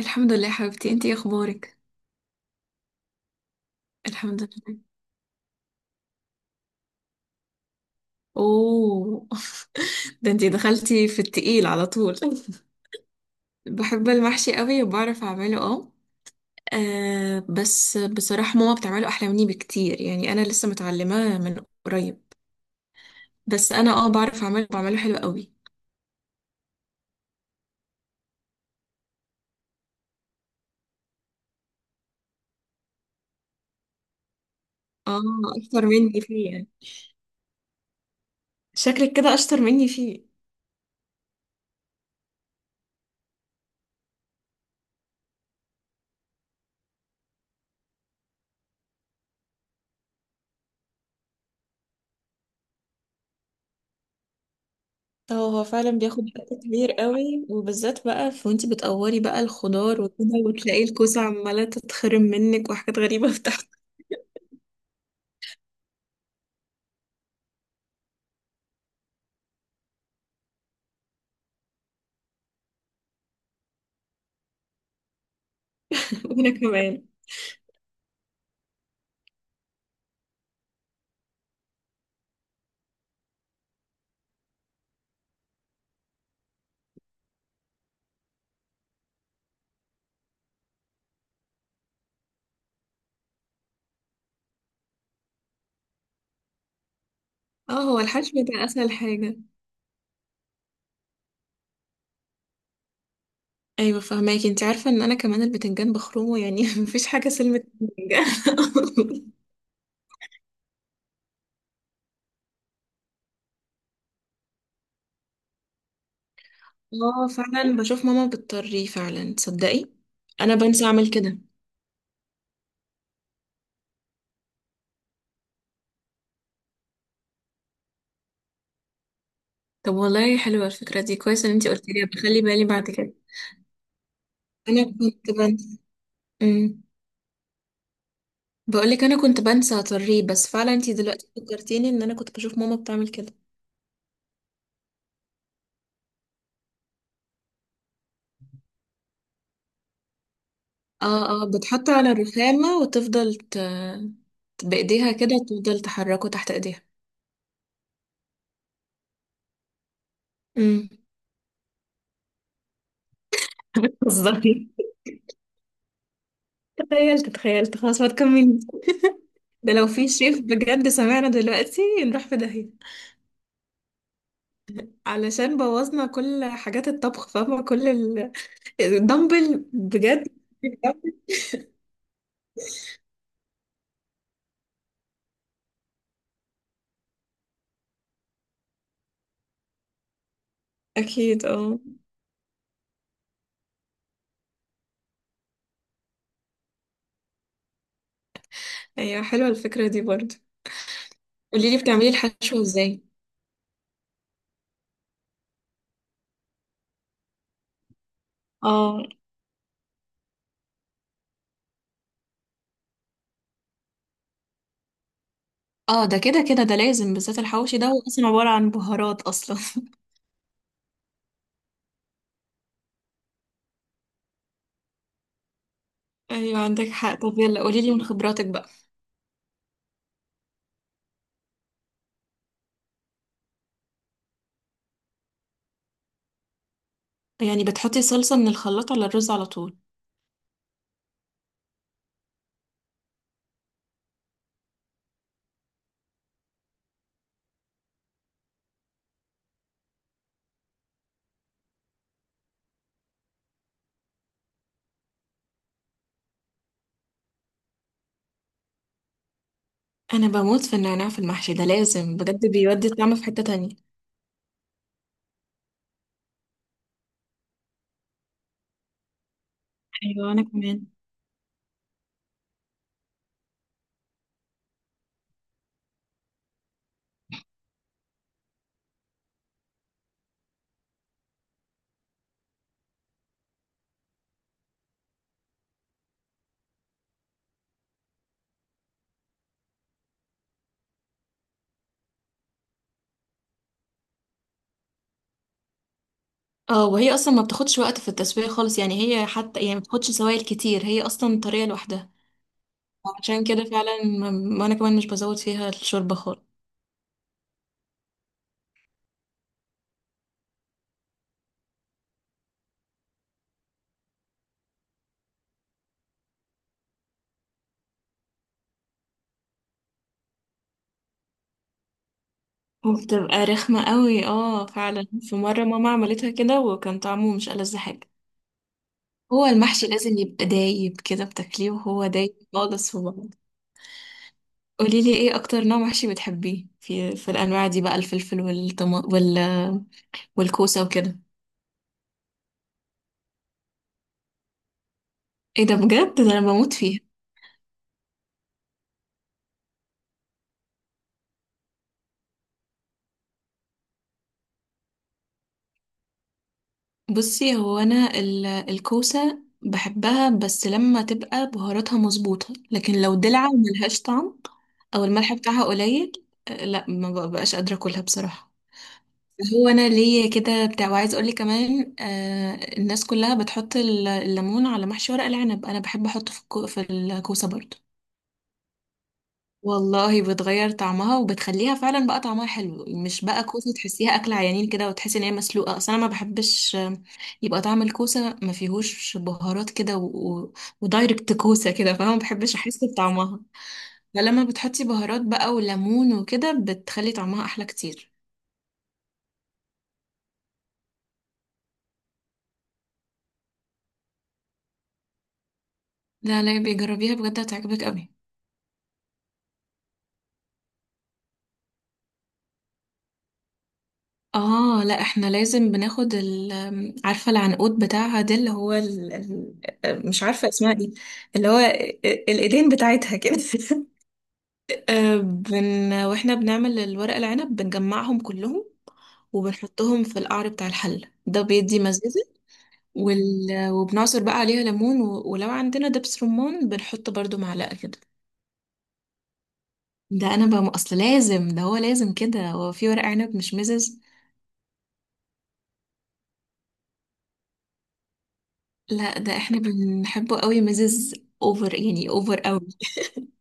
الحمد لله يا حبيبتي، انتي ايه اخبارك؟ الحمد لله. اوه. ده انتي دخلتي في التقيل على طول! بحب المحشي قوي وبعرف اعمله، اه. بس بصراحة ماما بتعمله احلى مني بكتير، يعني انا لسه متعلمة من قريب. بس انا اه بعرف اعمله، بعمله حلو قوي. اه، اكتر مني فيه يعني. شكلك كده اشطر مني فيه. اه، هو فعلا بياخد وقت كبير قوي، وبالذات بقى في وانتي بتقوري بقى الخضار وكده، وتلاقي الكوسة عمالة تتخرم منك وحاجات غريبة. وانا كمان. اه، هو الحشو ده اسهل حاجه. ايوه فهماكي، انت عارفه ان انا كمان البتنجان بخرمه يعني، مفيش حاجه سلمة. البتنجان. اه فعلا بشوف ماما بتطريه فعلا، تصدقي؟ انا بنسى اعمل كده. طب والله حلوه الفكره دي، كويس ان انت قلت لي، بخلي بالي بعد كده. انا كنت بنسى. امم بقول لك انا كنت بنسى اطريه، بس فعلا انت دلوقتي فكرتيني ان انا كنت بشوف ماما بتعمل كده. اه اه، بتحط على الرخامه وتفضل بايديها كده تفضل تحركه تحت ايديها. امم. بالظبط. تخيلت، تخيلت خلاص، ما تكملي. ده لو في شيف بجد سمعنا دلوقتي نروح في داهية، علشان بوظنا كل حاجات الطبخ، فاهمة؟ كل الدمبل بجد. اكيد اه. ايوه، حلوة الفكرة دي برضه. قولي لي بتعملي الحشو ازاي؟ اه اه، ده كده كده، ده لازم، بالذات الحواوشي ده هو اصلا عبارة عن بهارات اصلا. ايوه عندك حق. طب يلا قولي لي من خبراتك بقى. يعني بتحطي صلصة من الخلاط على الرز على طول؟ انا بموت في النعناع في المحشي، ده لازم بجد، بيودي الطعم في حتة تانية. ايوه انا كمان. اه، وهي اصلا ما بتاخدش وقت في التسوية خالص، يعني هي حتى يعني ما بتاخدش سوائل كتير، هي اصلا طرية لوحدها. عشان كده فعلا وانا كمان مش بزود فيها الشوربة خالص. وبتبقى رخمة قوي، اه فعلا، في مرة ماما عملتها كده وكان طعمه مش ألذ حاجة. هو المحشي لازم يبقى دايب كده، بتاكليه وهو دايب خالص في بعض. قوليلي ايه اكتر نوع محشي بتحبيه في الانواع دي بقى، الفلفل والطما والكوسة وكده؟ ايه ده بجد! ده انا بموت فيها. بصي، هو انا الكوسه بحبها بس لما تبقى بهاراتها مظبوطه، لكن لو دلع وملهاش طعم او الملح بتاعها قليل، لا ما ببقاش قادره اكلها بصراحه. هو انا ليا كده بتاع، وعايز اقول لك كمان آه، الناس كلها بتحط الليمون على محشي ورق العنب، انا بحب احطه في في الكوسه برضو. والله بتغير طعمها وبتخليها فعلا بقى طعمها حلو، مش بقى كوسه تحسيها اكل عيانين كده، وتحسي ان هي مسلوقه، اصل انا ما بحبش يبقى طعم الكوسة ما فيهوش بهارات كده و... ودايركت كوسة كده، فاهمة؟ ما بحبش احس بطعمها. فلما بتحطي بهارات بقى وليمون وكده، بتخلي طعمها احلى كتير. لا لا، بيجربيها بجد هتعجبك قوي. اه، لا احنا لازم بناخد عارفة العنقود بتاعها ده اللي هو مش عارفة اسمها ايه، اللي هو الايدين بتاعتها كده. واحنا بنعمل الورق العنب بنجمعهم كلهم، وبنحطهم في القعر بتاع الحلة، ده بيدي مزازة وبنعصر بقى عليها ليمون ولو عندنا دبس رمان بنحط برضو معلقة كده. ده انا بقى اصل لازم، ده هو لازم كده، هو في ورق عنب مش مزز؟ لا ده احنا بنحبه قوي مزز، اوفر يعني، اوفر قوي.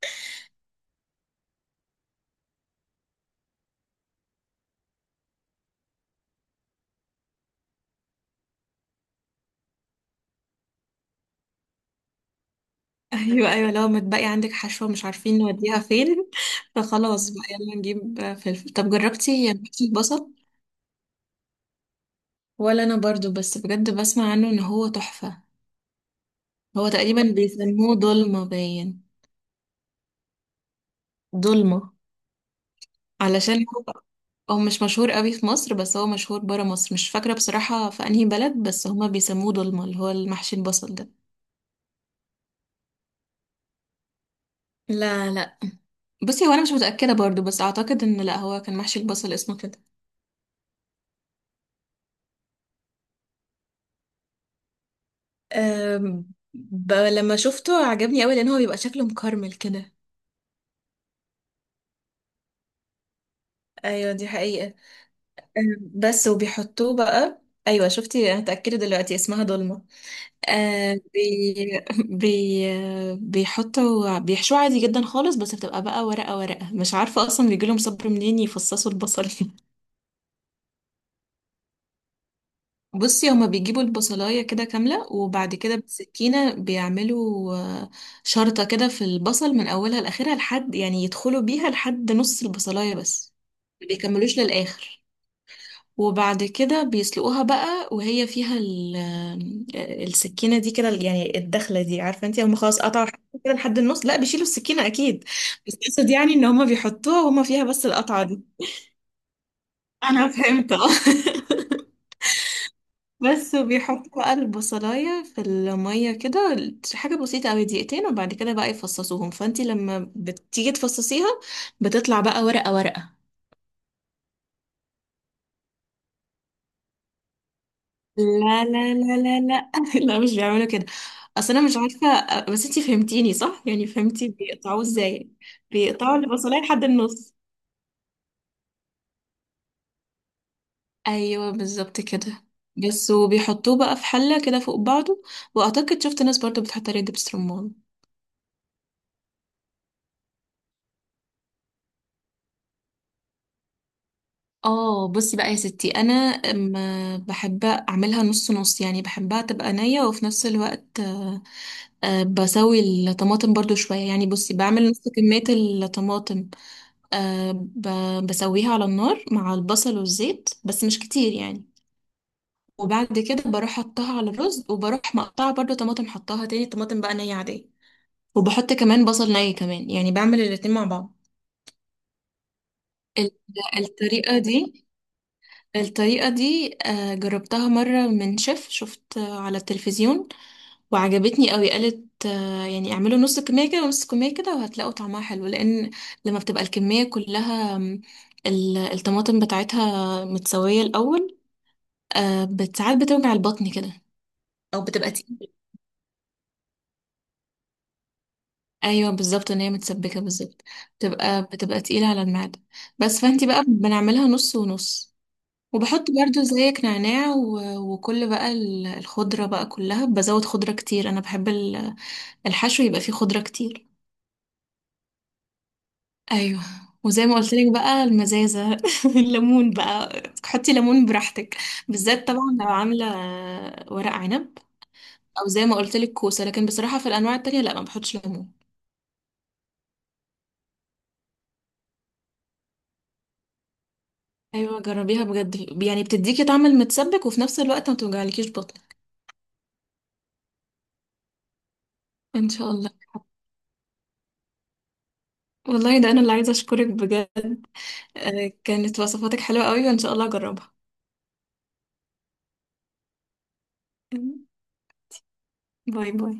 ايوه ايوه، لو متبقي عندك حشوة مش عارفين نوديها فين، فخلاص بقى يلا نجيب فلفل. طب جربتي محشي البصل؟ ولا انا برضو، بس بجد بسمع عنه ان هو تحفة. هو تقريبا بيسموه ضلمة باين. ضلمة. علشان هو، هو مش مشهور قوي في مصر، بس هو مشهور برا مصر، مش فاكرة بصراحة في انهي بلد، بس هما بيسموه dolma، اللي هو المحشي البصل ده. لا لا، بصي هو انا مش متأكدة برضو، بس اعتقد ان لا، هو كان محشي البصل اسمه كده. لما شفته عجبني قوي، لان هو بيبقى شكله مكرمل كده. ايوه دي حقيقة. بس وبيحطوه بقى. ايوه شفتي، انا اتاكدت دلوقتي اسمها دولمة. آه بي بي آه، بيحطوا، بيحشوه عادي جدا خالص، بس بتبقى بقى ورقة ورقة، مش عارفة أصلا بيجيلهم صبر منين يفصصوا البصل. بصي هما بيجيبوا البصلاية كده كاملة، وبعد كده بالسكينة بيعملوا شرطة كده في البصل من أولها لآخرها، لحد يعني يدخلوا بيها لحد نص البصلاية بس، ما بيكملوش للآخر. وبعد كده بيسلقوها بقى وهي فيها السكينة دي كده، يعني الدخلة دي، عارفة انت هم خلاص قطعوا حتة كده لحد النص، لا بيشيلوا السكينة أكيد، بس أقصد يعني إن هم بيحطوها وهم فيها بس القطعة دي. أنا فهمت اه. بس وبيحطوا بقى البصلاية في المية كده، حاجة بسيطة أوي دقيقتين، وبعد كده بقى يفصصوهم، فانت لما بتيجي تفصصيها بتطلع بقى ورقة ورقة. لا لا لا لا لا، لا مش بيعملوا كده. اصل انا مش عارفه، بس انتي فهمتيني صح، يعني فهمتي بيقطعوه ازاي. بيقطعوا البصلايه لحد النص. ايوه بالظبط كده. بس وبيحطوه بقى في حله كده فوق بعضه، واعتقد شفت ناس برضو بتحط عليه دبس رمان. اه بصي بقى يا ستي، انا ما بحب اعملها نص نص، يعني بحبها تبقى نيه وفي نفس الوقت بسوي الطماطم برضو شويه، يعني بصي بعمل نص كميه الطماطم. أه بسويها على النار مع البصل والزيت بس مش كتير يعني، وبعد كده بروح حطها على الرز، وبروح مقطعة برضو طماطم حطها، تاني طماطم بقى نية عادية، وبحط كمان بصل ني كمان، يعني بعمل الاتنين مع بعض. ال- الطريقة دي الطريقة دي جربتها مرة من شيف، شفت على التلفزيون، وعجبتني قوي. قالت يعني اعملوا نص كمية كده ونص كمية كده، وهتلاقوا طعمها حلو، لان لما بتبقى الكمية كلها الطماطم بتاعتها متسوية الاول، ساعات بتوجع البطن كده، او بتبقى تقيلة. ايوه بالظبط، ان هي متسبكة بالظبط، بتبقى تقيلة على المعدة. بس فانتي بقى بنعملها نص ونص، وبحط برضو زيك نعناع وكل بقى الخضرة بقى كلها، بزود خضرة كتير، انا بحب الحشو يبقى فيه خضرة كتير. ايوه. وزي ما قلت لك بقى، المزازه، الليمون بقى، حطي ليمون براحتك، بالذات طبعا لو عامله ورق عنب، او زي ما قلت لك كوسه، لكن بصراحه في الانواع التانية لا، ما بحطش ليمون. ايوه جربيها بجد، يعني بتديكي طعم المتسبك وفي نفس الوقت ما توجعلكيش بطن. ان شاء الله. والله ده انا اللي عايزه اشكرك بجد، كانت وصفاتك حلوه قوي وان شاء الله اجربها. باي باي.